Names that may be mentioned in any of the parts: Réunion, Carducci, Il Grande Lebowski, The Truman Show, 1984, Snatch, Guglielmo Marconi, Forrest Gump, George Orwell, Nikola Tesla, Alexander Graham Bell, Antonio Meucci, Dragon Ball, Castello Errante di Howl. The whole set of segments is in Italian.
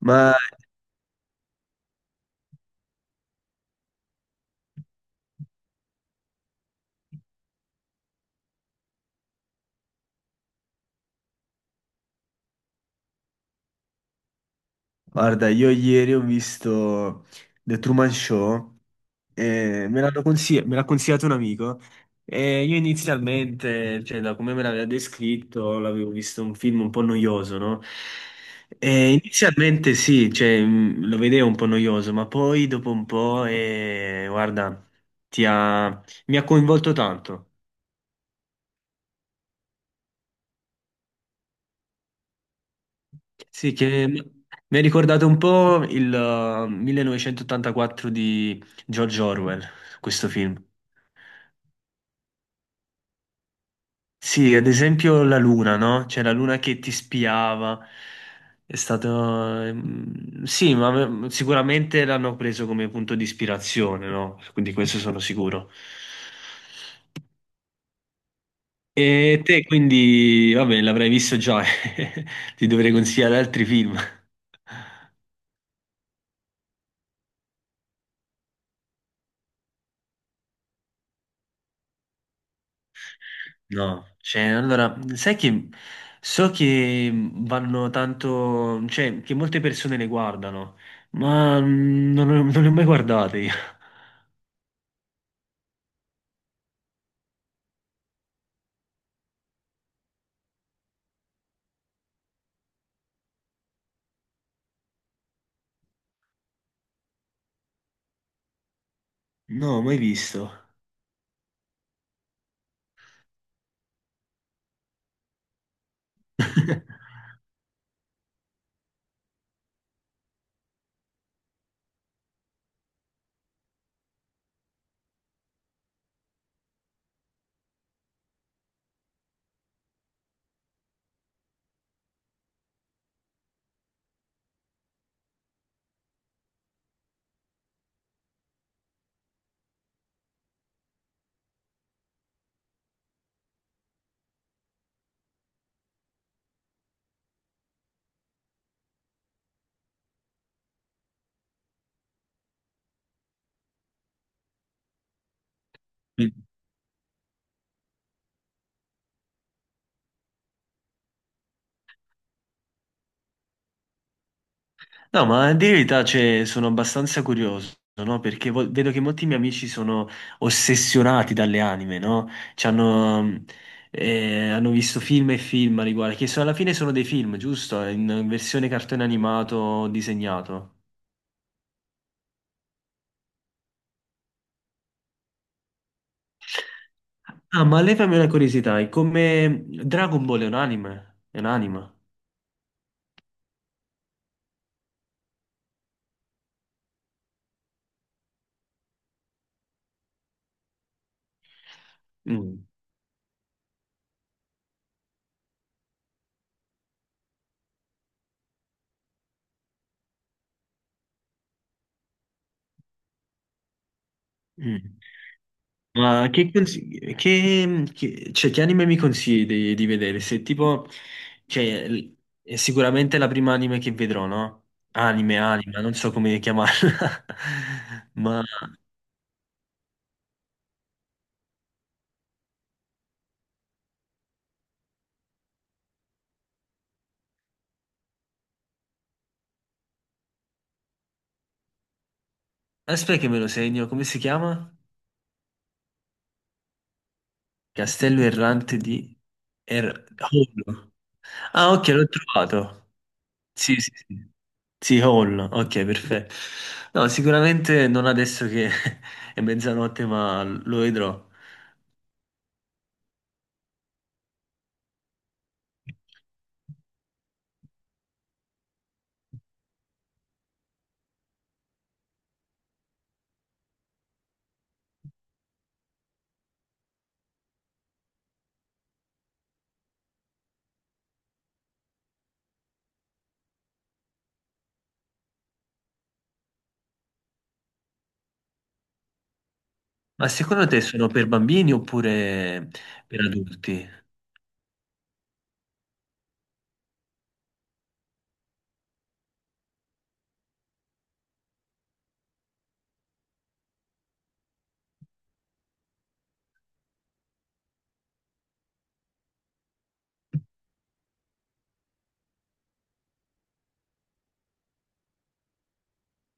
Ma guarda, io ieri ho visto The Truman Show e me l'ha consigliato un amico. E io inizialmente, cioè da come me l'aveva descritto, l'avevo visto un film un po' noioso, no? E inizialmente sì, cioè, lo vedevo un po' noioso, ma poi dopo un po', guarda, ti ha- mi ha coinvolto tanto. Sì, che mi ha ricordato un po' il 1984 di George Orwell, questo film. Sì, ad esempio la luna, no? Cioè la luna che ti spiava. Sì, sicuramente l'hanno preso come punto di ispirazione, no? Quindi questo sono sicuro. E te quindi, vabbè, l'avrai visto già, ti dovrei consigliare altri film. No, cioè, allora, sai che so che vanno tanto, cioè, che molte persone le guardano, ma non le ho mai guardate io. No, mai visto. No, ma a dire la verità, cioè, sono abbastanza curioso, no? Perché vedo che molti miei amici sono ossessionati dalle anime, no? Ci hanno, hanno visto film e film a riguardo, che alla fine sono dei film, giusto? In versione cartone animato o disegnato. Ah, ma levami una curiosità, è come Dragon Ball è un anime? È un anime? Mm. Mm. Ma che, consigli- che- cioè, che anime mi consigli di vedere? Se tipo, cioè, l- è sicuramente la prima anime che vedrò, no? Anime, anima, non so come chiamarla. Ma aspetta che me lo segno, come si chiama? Castello errante di Hollow. Ah, ok, l'ho trovato. Sì, sì, sì. Sì, Hall, ok, perfetto. No, sicuramente non adesso che è mezzanotte, ma lo vedrò. Ma secondo te sono per bambini oppure per adulti?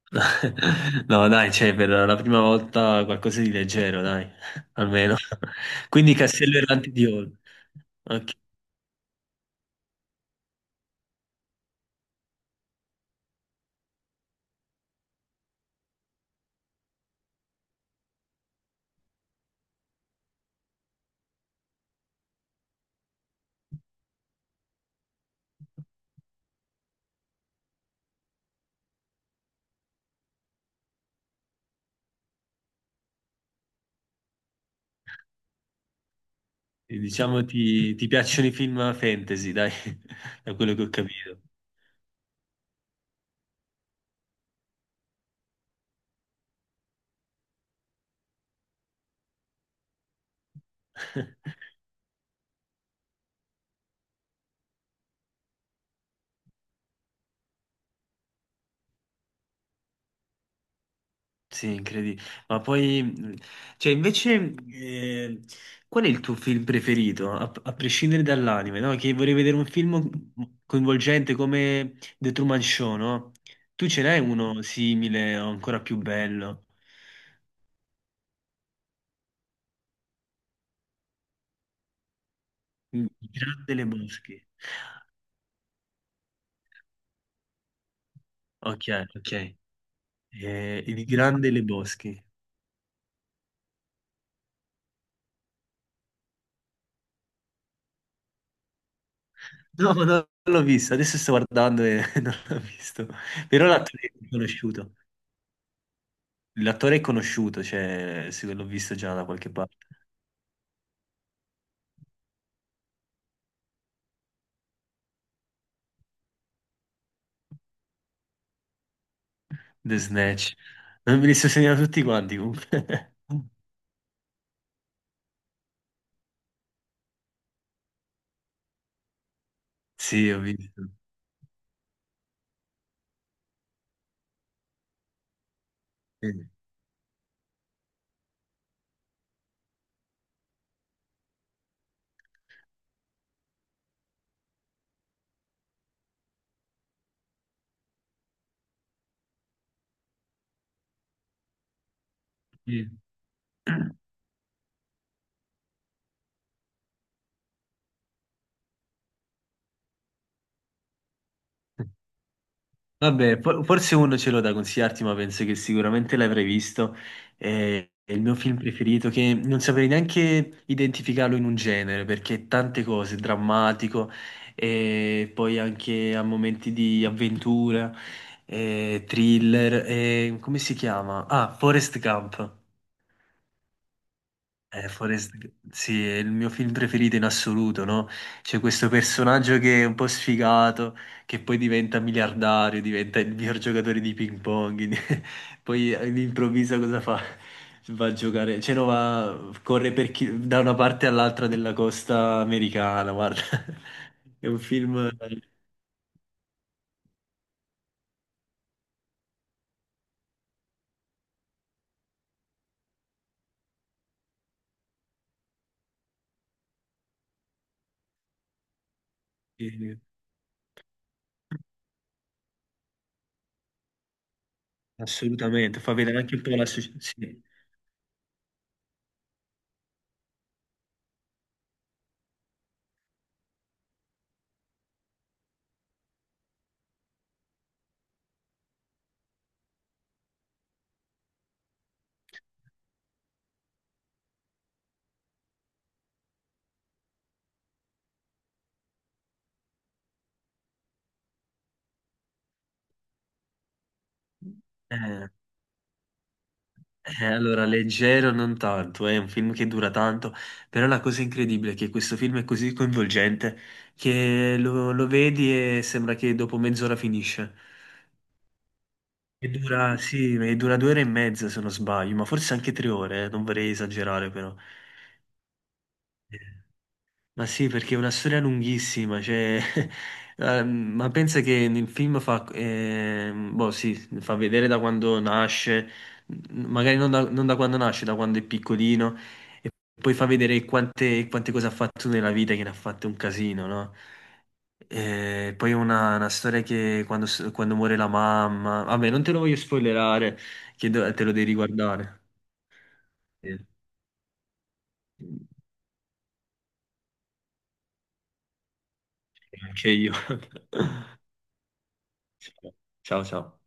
No, dai, cioè, per la prima volta qualcosa di leggero, dai, almeno. Quindi Castello Errante di Hall. Ok, diciamo ti piacciono i film fantasy, dai, da quello che ho capito. Sì, incredibile. Ma poi, cioè, invece, qual è il tuo film preferito? A prescindere dall'anime, no? Che vorrei vedere un film coinvolgente come The Truman Show, no? Tu ce n'hai uno simile o ancora più bello? Il Grande Lebowski. Ok, ok. Il Grande Lebowski. No, no, non l'ho visto. Adesso sto guardando e non l'ho visto. Però l'attore è conosciuto. L'attore è conosciuto, cioè, sì, l'ho visto già da qualche parte. The Snatch. Non me li sto segnando tutti quanti comunque. Sì, ho visto. Sì. Sì. Vabbè, forse uno ce l'ho da consigliarti, ma penso che sicuramente l'avrai visto. È il mio film preferito, che non saprei neanche identificarlo in un genere, perché è tante cose, è drammatico, e poi anche a momenti di avventura, e thriller, e come si chiama? Ah, Forest Gump. Sì, è il mio film preferito in assoluto, no? C'è questo personaggio che è un po' sfigato, che poi diventa miliardario, diventa il miglior giocatore di ping pong. Poi all'improvviso cosa fa? Va a giocare, cioè no, va, corre da una parte all'altra della costa americana, guarda. È un film che assolutamente fa vedere anche un po' la società. Allora, leggero non tanto, è un film che dura tanto, però la cosa incredibile è che questo film è così coinvolgente che lo vedi e sembra che dopo mezz'ora finisce. E dura, sì, e dura 2 ore e mezza se non sbaglio, ma forse anche 3 ore, non vorrei esagerare però. Eh. Ma sì, perché è una storia lunghissima, cioè, ma pensa che nel film fa, boh, sì, fa vedere da quando nasce, m- magari non da, non da quando nasce, da quando è piccolino, e poi fa vedere quante cose ha fatto nella vita, che ne ha fatte un casino, no? E poi è una storia che quando muore la mamma, vabbè, non te lo voglio spoilerare, che te lo devi riguardare. Eh, Anche io. Ciao, ciao.